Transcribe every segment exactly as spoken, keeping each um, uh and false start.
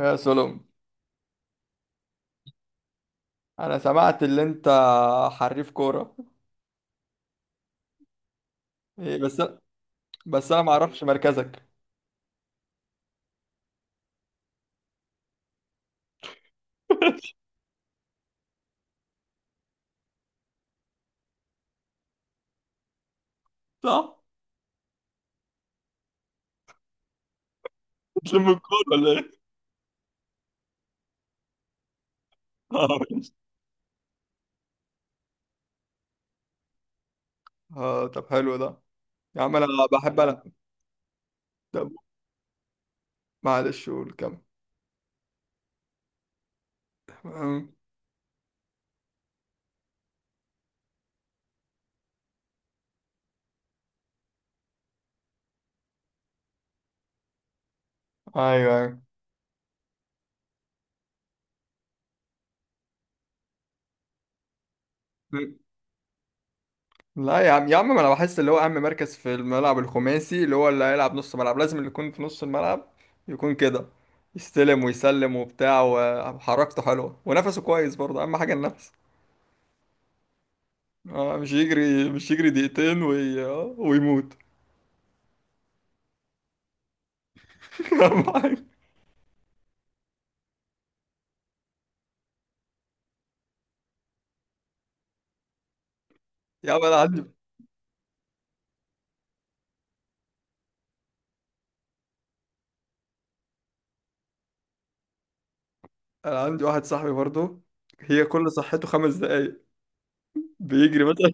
يا سلام. انا سمعت اللي انت حريف كوره. إيه بس. بس انا ما اعرفش مركزك. صح. بتلم الكورة ولا ايه؟ آه، ماشي. اه، طب حلو ده. يا عم انا بحب العب. طب معلش قول كم. أمم، ايوه ايوه. لا، يا عم يا عم، ما انا بحس اللي هو اهم مركز في الملعب الخماسي، اللي هو اللي هيلعب نص ملعب، لازم اللي يكون في نص الملعب يكون كده، يستلم ويسلم وبتاع، وحركته حلوه ونفسه كويس برضه، اهم حاجه النفس. آه، مش يجري، مش يجري دقيقتين وي... آه، ويموت. أهم حاجة. يا عم، انا عندي انا عندي واحد صاحبي برضه، هي كل صحته خمس دقايق، بيجري مثلا،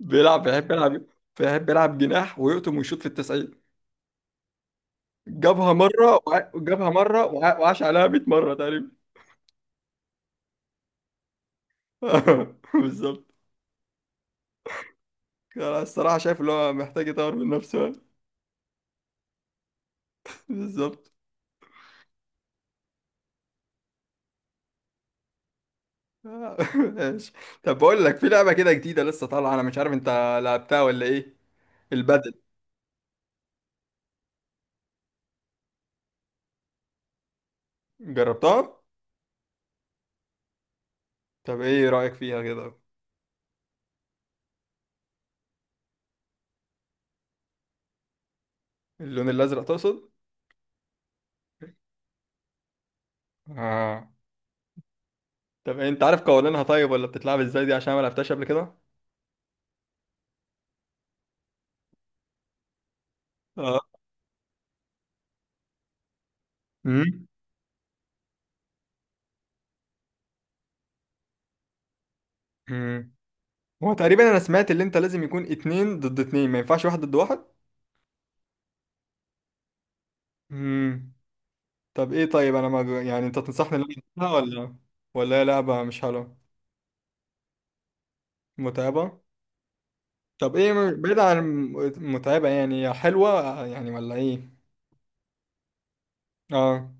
بيلعب بيحب يلعب بيحب يلعب جناح ويقطم ويشوط في التسعين. جابها مرة وع... جابها مرة وع... وعاش عليها 100 مرة تقريبا. بالظبط. انا الصراحة شايف اللي هو محتاج يطور من نفسه. بالظبط. آه، ماشي. طب بقول لك في لعبة كده جديدة لسه طالعة، انا مش عارف انت لعبتها ولا ايه. البدل. جربتها. طب ايه رأيك فيها كده؟ اللون الازرق تقصد؟ اه. طب إيه، انت عارف قوانينها طيب، ولا بتتلعب ازاي دي عشان ما لعبتهاش قبل كده؟ اه. امم امم هو تقريبا انا سمعت اللي انت لازم يكون اتنين ضد اتنين، ما ينفعش واحد ضد واحد. امم طب ايه طيب، انا ما جو- يعني انت تنصحني ان انا ألعبها ولا ولا هي لعبة مش حلوة. متعبة. طب ايه م- بعيد عن الم- متعبة، يعني هي حلوة يعني ولا ايه؟ اه.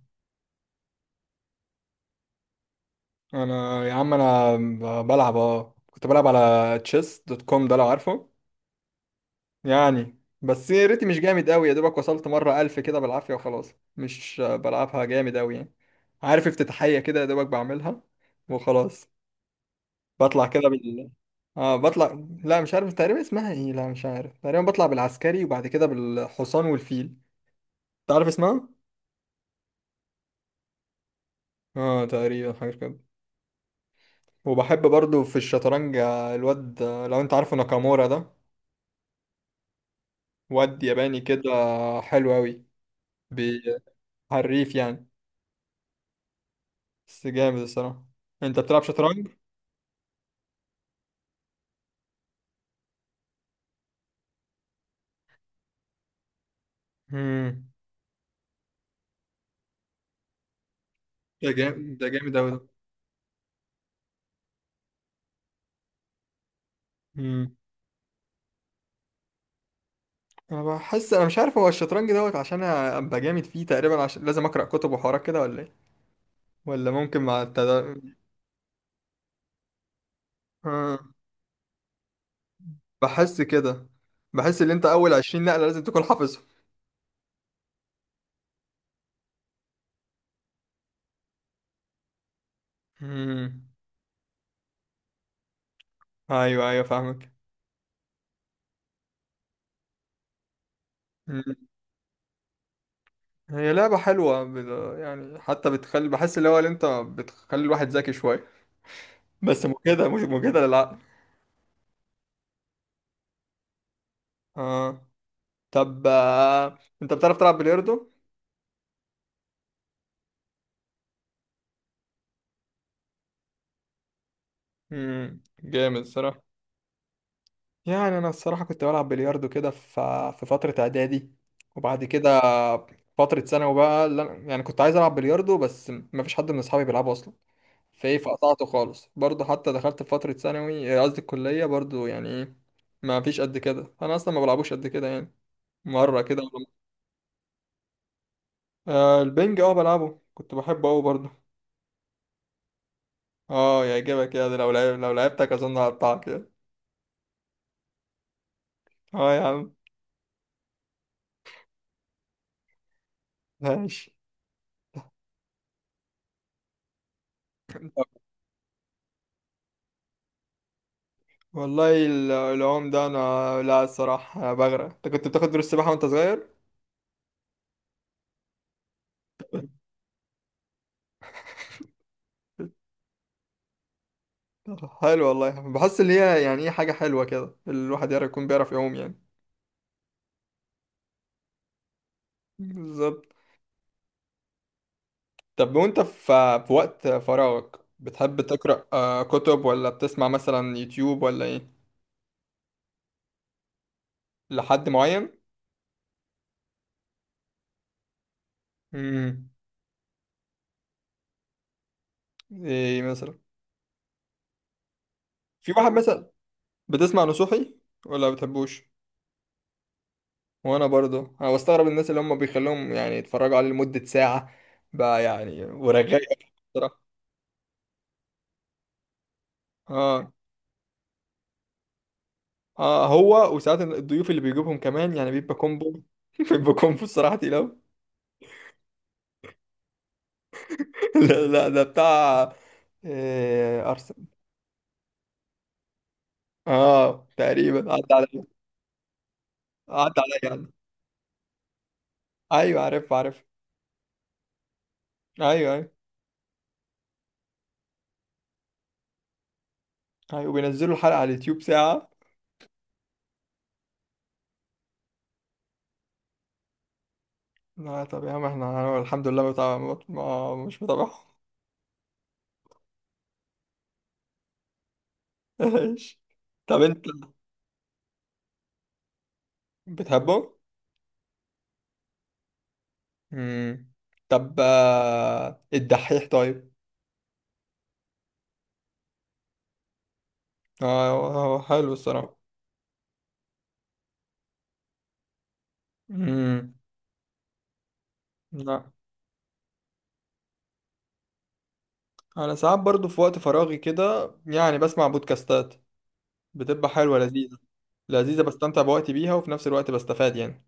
انا يا عم، انا ب- بلعب اه كنت بلعب على تشيس دوت كوم، ده لو عارفه. يعني بس يا ريتي مش جامد قوي يا دوبك، وصلت مرة ألف كده بالعافية وخلاص، مش بلعبها جامد قوي يعني. عارف افتتاحية كده يا دوبك بعملها وخلاص. بطلع كده بال اه بطلع، لا مش عارف تقريبا اسمها ايه، لا مش عارف، تقريبا بطلع بالعسكري وبعد كده بالحصان والفيل. تعرف اسمها؟ اه تقريبا حاجة كده. وبحب برضو في الشطرنج، آه، الواد، آه، لو انت عارفه، ناكامورا ده. واد ياباني كده. حلو قوي. بي- حريف يعني. بس جامد الصراحة. انت بتلعب شطرنج؟ امم ده جامد، ده جامد أوي ده. امم انا بحس، انا مش عارف، هو الشطرنج دوت عشان ابقى جامد فيه، تقريبا عشان لازم اقرا كتب وحوارات كده ولا ايه، ولا ممكن مع التد... آه. بحس كده، بحس ان انت اول 20 نقله لازم تكون حافظهم. امم. ايوه ايوه فاهمك. مم. هي لعبه حلوه، بال- يعني حتى بتخلي، بحس اللي هو، اللي انت بتخلي الواحد ذكي شويه. بس مجهده، مش مجهده للعقل. اه. طب آه، انت بتعرف تلعب بلياردو؟ امم جامد صراحه. يعني انا الصراحه كنت بلعب بلياردو كده ف- في فتره اعدادي، وبعد كده فتره ثانوي بقى، اللي أنا- يعني كنت عايز العب بلياردو بس ما فيش حد من اصحابي بيلعبه اصلا، فايه فقطعته خالص برضه، حتى دخلت في فتره ثانوي، آه، قصدي الكليه برضه، يعني ايه ما فيش قد كده، انا اصلا ما بلعبوش قد كده يعني، مره كده ولا مرة. آه البنج، اه بلعبه، كنت بحبه قوي برضه. اه يعجبك، يا ده لو لعب لو لعبتك اظن هقطعك يعني. اه يا عم. ماشي. والله ال- العوم ده انا، لا الصراحه أنا بغرق. انت كنت بتاخد دروس سباحه وانت صغير؟ حلو والله. بحس ان هي يعني ايه حاجه حلوه كده، الواحد يعرف، يكون بيعرف يعوم يعني. بالظبط. طب وانت في في وقت فراغك بتحب تقرا آه، كتب، ولا بتسمع مثلا يوتيوب ولا ايه؟ لحد معين. امم ايه مثلا؟ في واحد مثلا، بتسمع نصوحي ولا بتحبوش؟ وانا برضو انا بستغرب الناس اللي هم بيخلوهم يعني يتفرجوا عليه لمدة ساعة بقى يعني، ورغاية بصراحة. اه. اه، هو وساعات الضيوف اللي بيجيبهم كمان يعني بيبقى كومبو. بيبقى كومبو الصراحة تقيلة. لا لا، ده بتاع إيه، ارسنال. اه تقريبا، عدى عليا، عدى عليا يعني. ايوه عارف عارف. ايوه ايوه. ايوه وبينزلوا الحلقة على اليوتيوب ساعة. لا طب يا عم، احنا أنا الحمد لله متابع، ما مش متابعهم. ايش. طب انت بتحبه؟ مم. طب آه، الدحيح طيب؟ آه، هو هو حلو الصراحة. مم. لا. أنا ساعات برضو في وقت فراغي كده يعني بسمع بودكاستات، بتبقى حلوة لذيذة، لذيذة بستمتع بوقتي بيها وفي نفس الوقت بستفاد يعني،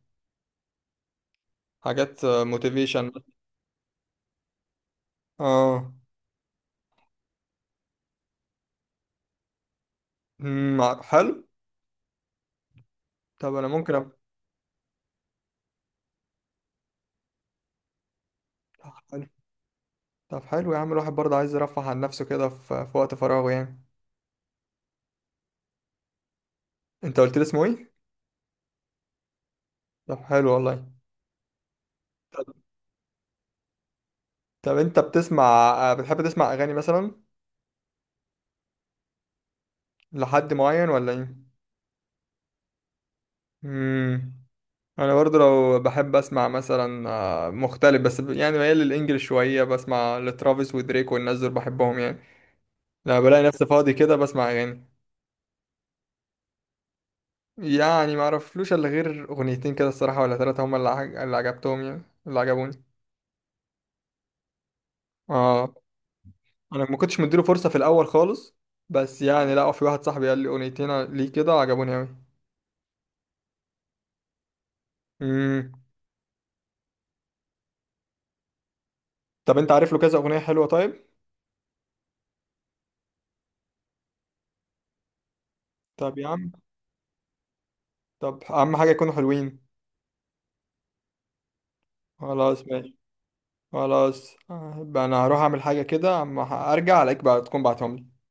حاجات موتيفيشن. اه. مم، حلو. طب أنا ممكن أب... حلو. طب حلو يا عم، الواحد برضه عايز يرفه عن نفسه كده في... في وقت فراغه يعني. أنت قلت لي اسمه إيه؟ طب حلو والله. طب، طب أنت بتسمع، آه، بتحب تسمع أغاني مثلا؟ لحد معين ولا ايه؟ امم انا برضو لو بحب اسمع مثلا آه، مختلف، بس ب- يعني ميال للانجليش شويه، بسمع لترافيس ودريك والناس دول بحبهم يعني، لما بلاقي نفسي فاضي كده بسمع اغاني. يعني ما اعرفلوش الا غير اغنيتين كده الصراحه ولا ثلاثه، هم اللي عج- اللي عجبتهم يعني، اللي عجبوني. اه. انا ما كنتش مديله فرصه في الاول خالص، بس يعني لا، في واحد صاحبي قال لي اغنيتين ليه كده عجبوني قوي. امم طب انت عارف له كذا اغنيه حلوه طيب؟ طب يا عم. طب اهم حاجه يكونوا حلوين. خلاص ماشي. خلاص، آه، يبقى انا هروح اعمل حاجة كده اما ارجع الاقيك بقى تكون بعتهم لي.